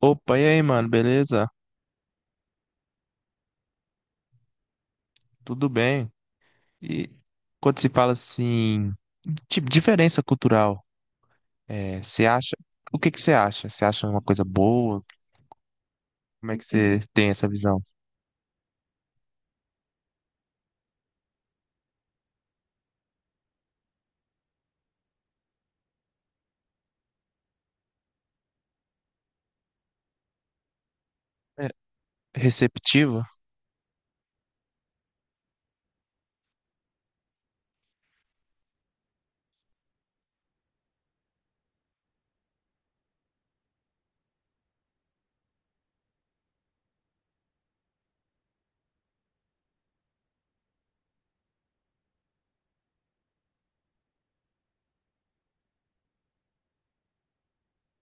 Opa, e aí, mano, beleza? Tudo bem? E quando se fala assim, tipo, diferença cultural, você acha, o que que você acha? Você acha uma coisa boa? Como é que você tem essa visão? É receptiva?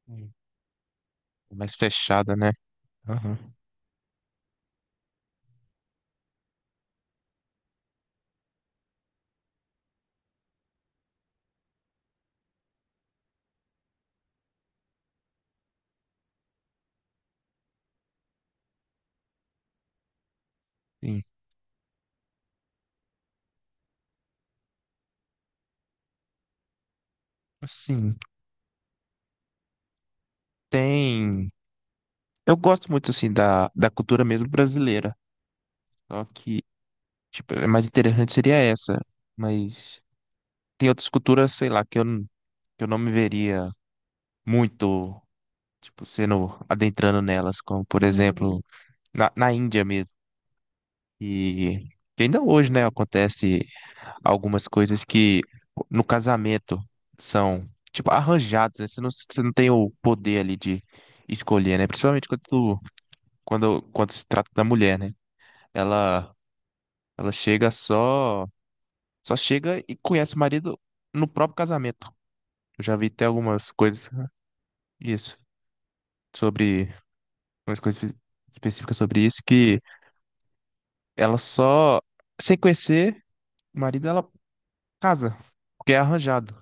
Hum. Mais fechada, né? Aham. Sim. Assim, tem... Eu gosto muito, assim, da cultura mesmo brasileira, só que, tipo, a mais interessante seria essa, mas tem outras culturas, sei lá, que eu não me veria muito, tipo, sendo adentrando nelas, como por exemplo, na Índia mesmo. E que ainda hoje, né, acontece algumas coisas que no casamento são, tipo, arranjadas, né? Você não tem o poder ali de escolher, né? Principalmente quando se trata da mulher, né? Ela, ela chega só, só chega e conhece o marido no próprio casamento. Eu já vi até algumas coisas, isso, sobre, algumas coisas específicas sobre isso que ela só, sem conhecer o marido, ela casa, porque é arranjado.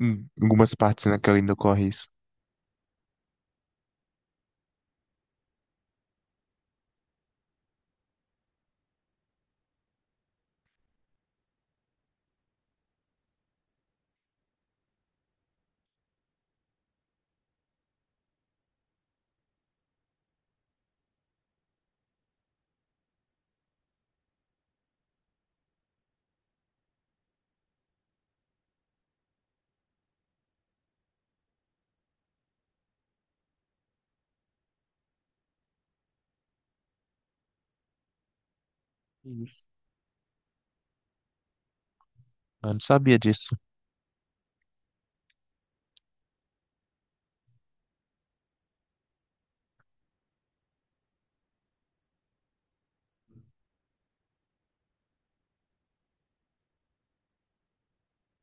Em algumas partes, né, que ainda ocorre isso. Isso. Eu não sabia disso.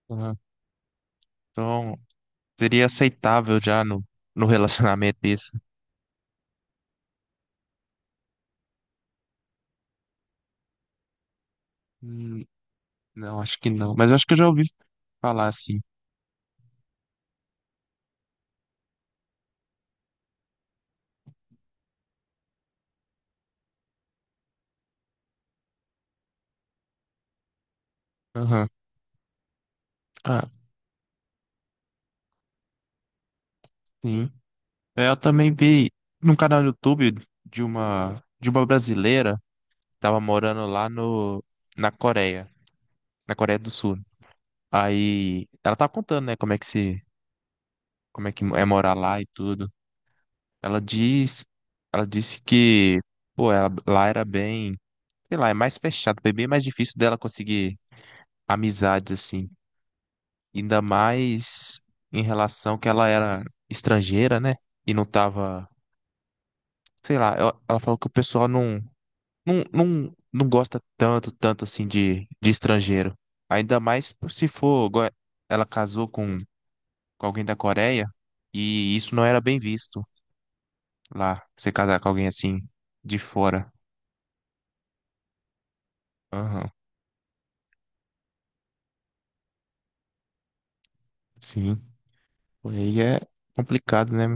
Uhum. Então, seria aceitável já no, no relacionamento isso. Hum. Não, acho que não. Mas eu acho que eu já ouvi falar assim. Aham. Ah, sim. É, eu também vi num canal no YouTube de uma brasileira que tava morando lá no na Coreia, na Coreia do Sul. Aí ela tava contando, né, como é que se como é que é morar lá e tudo. Ela diz, ela disse que, pô, ela, lá era bem, sei lá, é mais fechado, foi bem mais difícil dela conseguir amizades assim. Ainda mais em relação que ela era estrangeira, né? E não tava, sei lá, ela falou que o pessoal não gosta tanto assim de estrangeiro. Ainda mais se for, igual ela casou com alguém da Coreia e isso não era bem visto lá, você casar com alguém assim de fora. Aham, sim. Aí é complicado, né?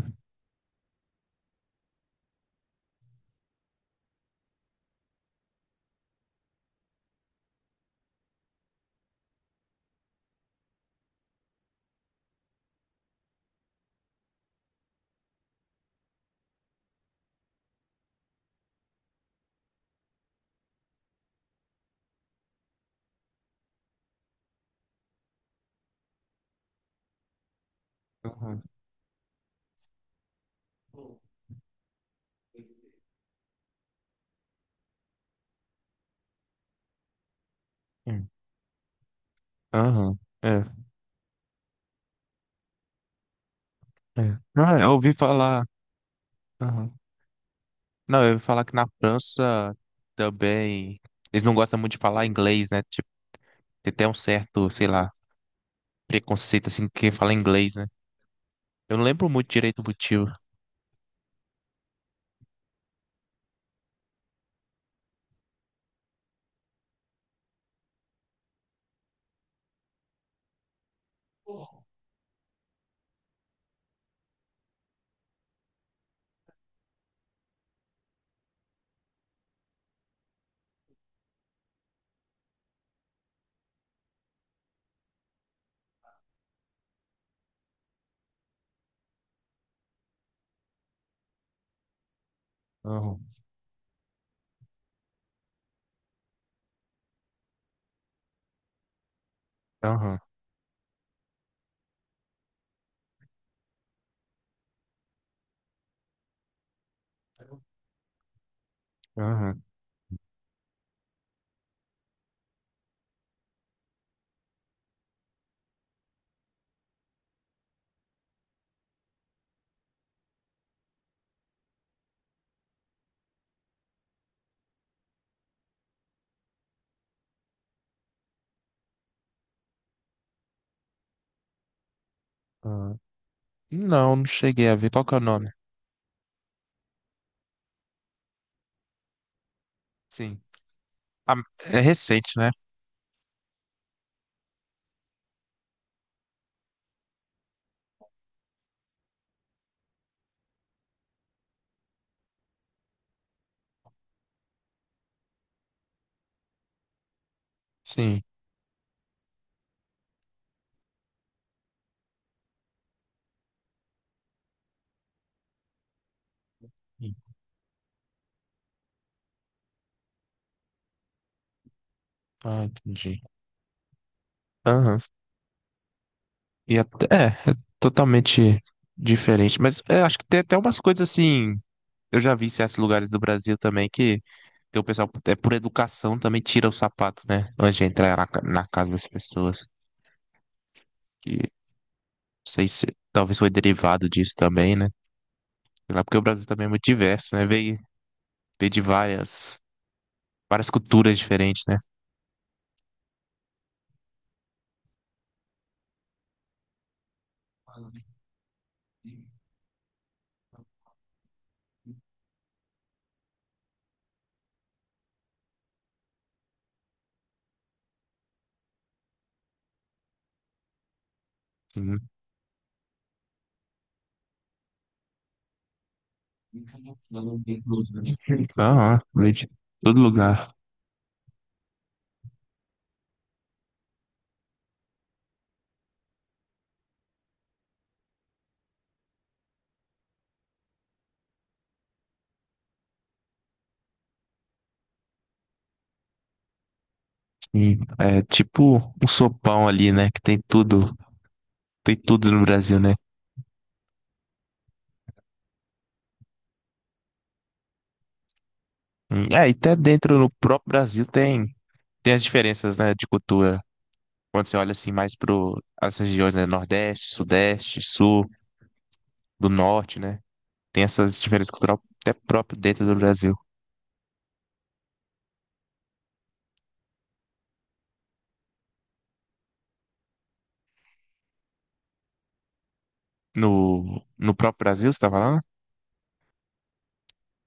Aham. Aham, é, é. Ah, eu ouvi falar. Aham. Não, eu ia falar que na França também eles não gostam muito de falar inglês, né? Tipo, tem até um certo, sei lá, preconceito assim que fala inglês, né? Eu não lembro muito direito o motivo. Aham, aham, aham, aham. Não, não cheguei a ver. Qual que é o nome? Sim. Ah, é recente, né? Sim. Sim. Ah, entendi. Aham. E até, é, é totalmente diferente. Mas é, acho que tem até umas coisas assim. Eu já vi em certos lugares do Brasil também que tem o pessoal, é por educação, também tira o sapato, né? Antes de entrar na casa das pessoas. Que não sei se talvez foi derivado disso também, né? Sei lá, porque o Brasil também é muito diverso, né? Veio, veio de várias, várias culturas diferentes, né? Sim. Então, ó, de todo lugar. Sim, é tipo um sopão ali, né? Que tem tudo no Brasil, né? É, e até dentro no próprio Brasil tem, tem as diferenças, né, de cultura. Quando você olha assim mais pro as regiões, né, Nordeste, Sudeste, Sul, do Norte, né? Tem essas diferenças culturais até próprio dentro do Brasil. No próprio Brasil, você tá falando?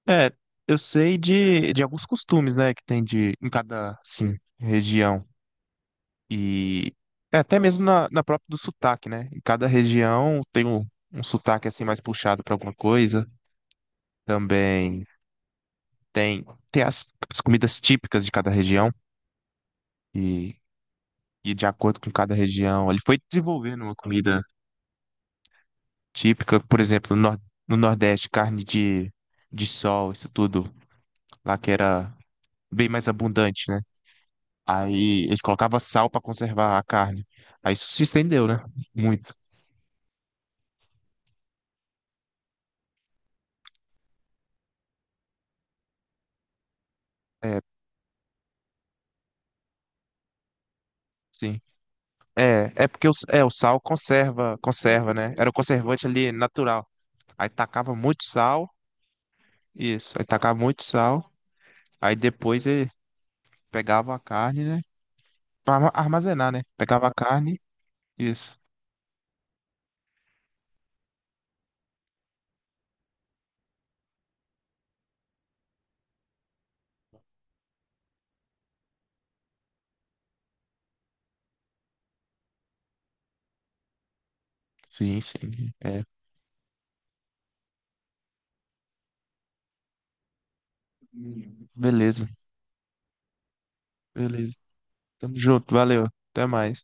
É, eu sei de alguns costumes, né, que tem de em cada, assim, região. E é, até mesmo na própria do sotaque, né? Em cada região tem um, um sotaque assim mais puxado para alguma coisa. Também tem, tem as, as comidas típicas de cada região e, e de acordo com cada região. Ele foi desenvolvendo uma comida típica, por exemplo, Nor- no Nordeste, carne de sol, isso tudo lá que era bem mais abundante, né? Aí eles colocavam sal para conservar a carne. Aí isso se estendeu, né? Muito. É, sim. É, é porque o sal conserva, conserva, né? Era o conservante ali natural. Aí tacava muito sal, isso, aí tacava muito sal, aí depois ele pegava a carne, né? Pra arma- armazenar, né? Pegava a carne, isso. Sim, sim. É, beleza, beleza. Tamo junto, valeu. Até mais.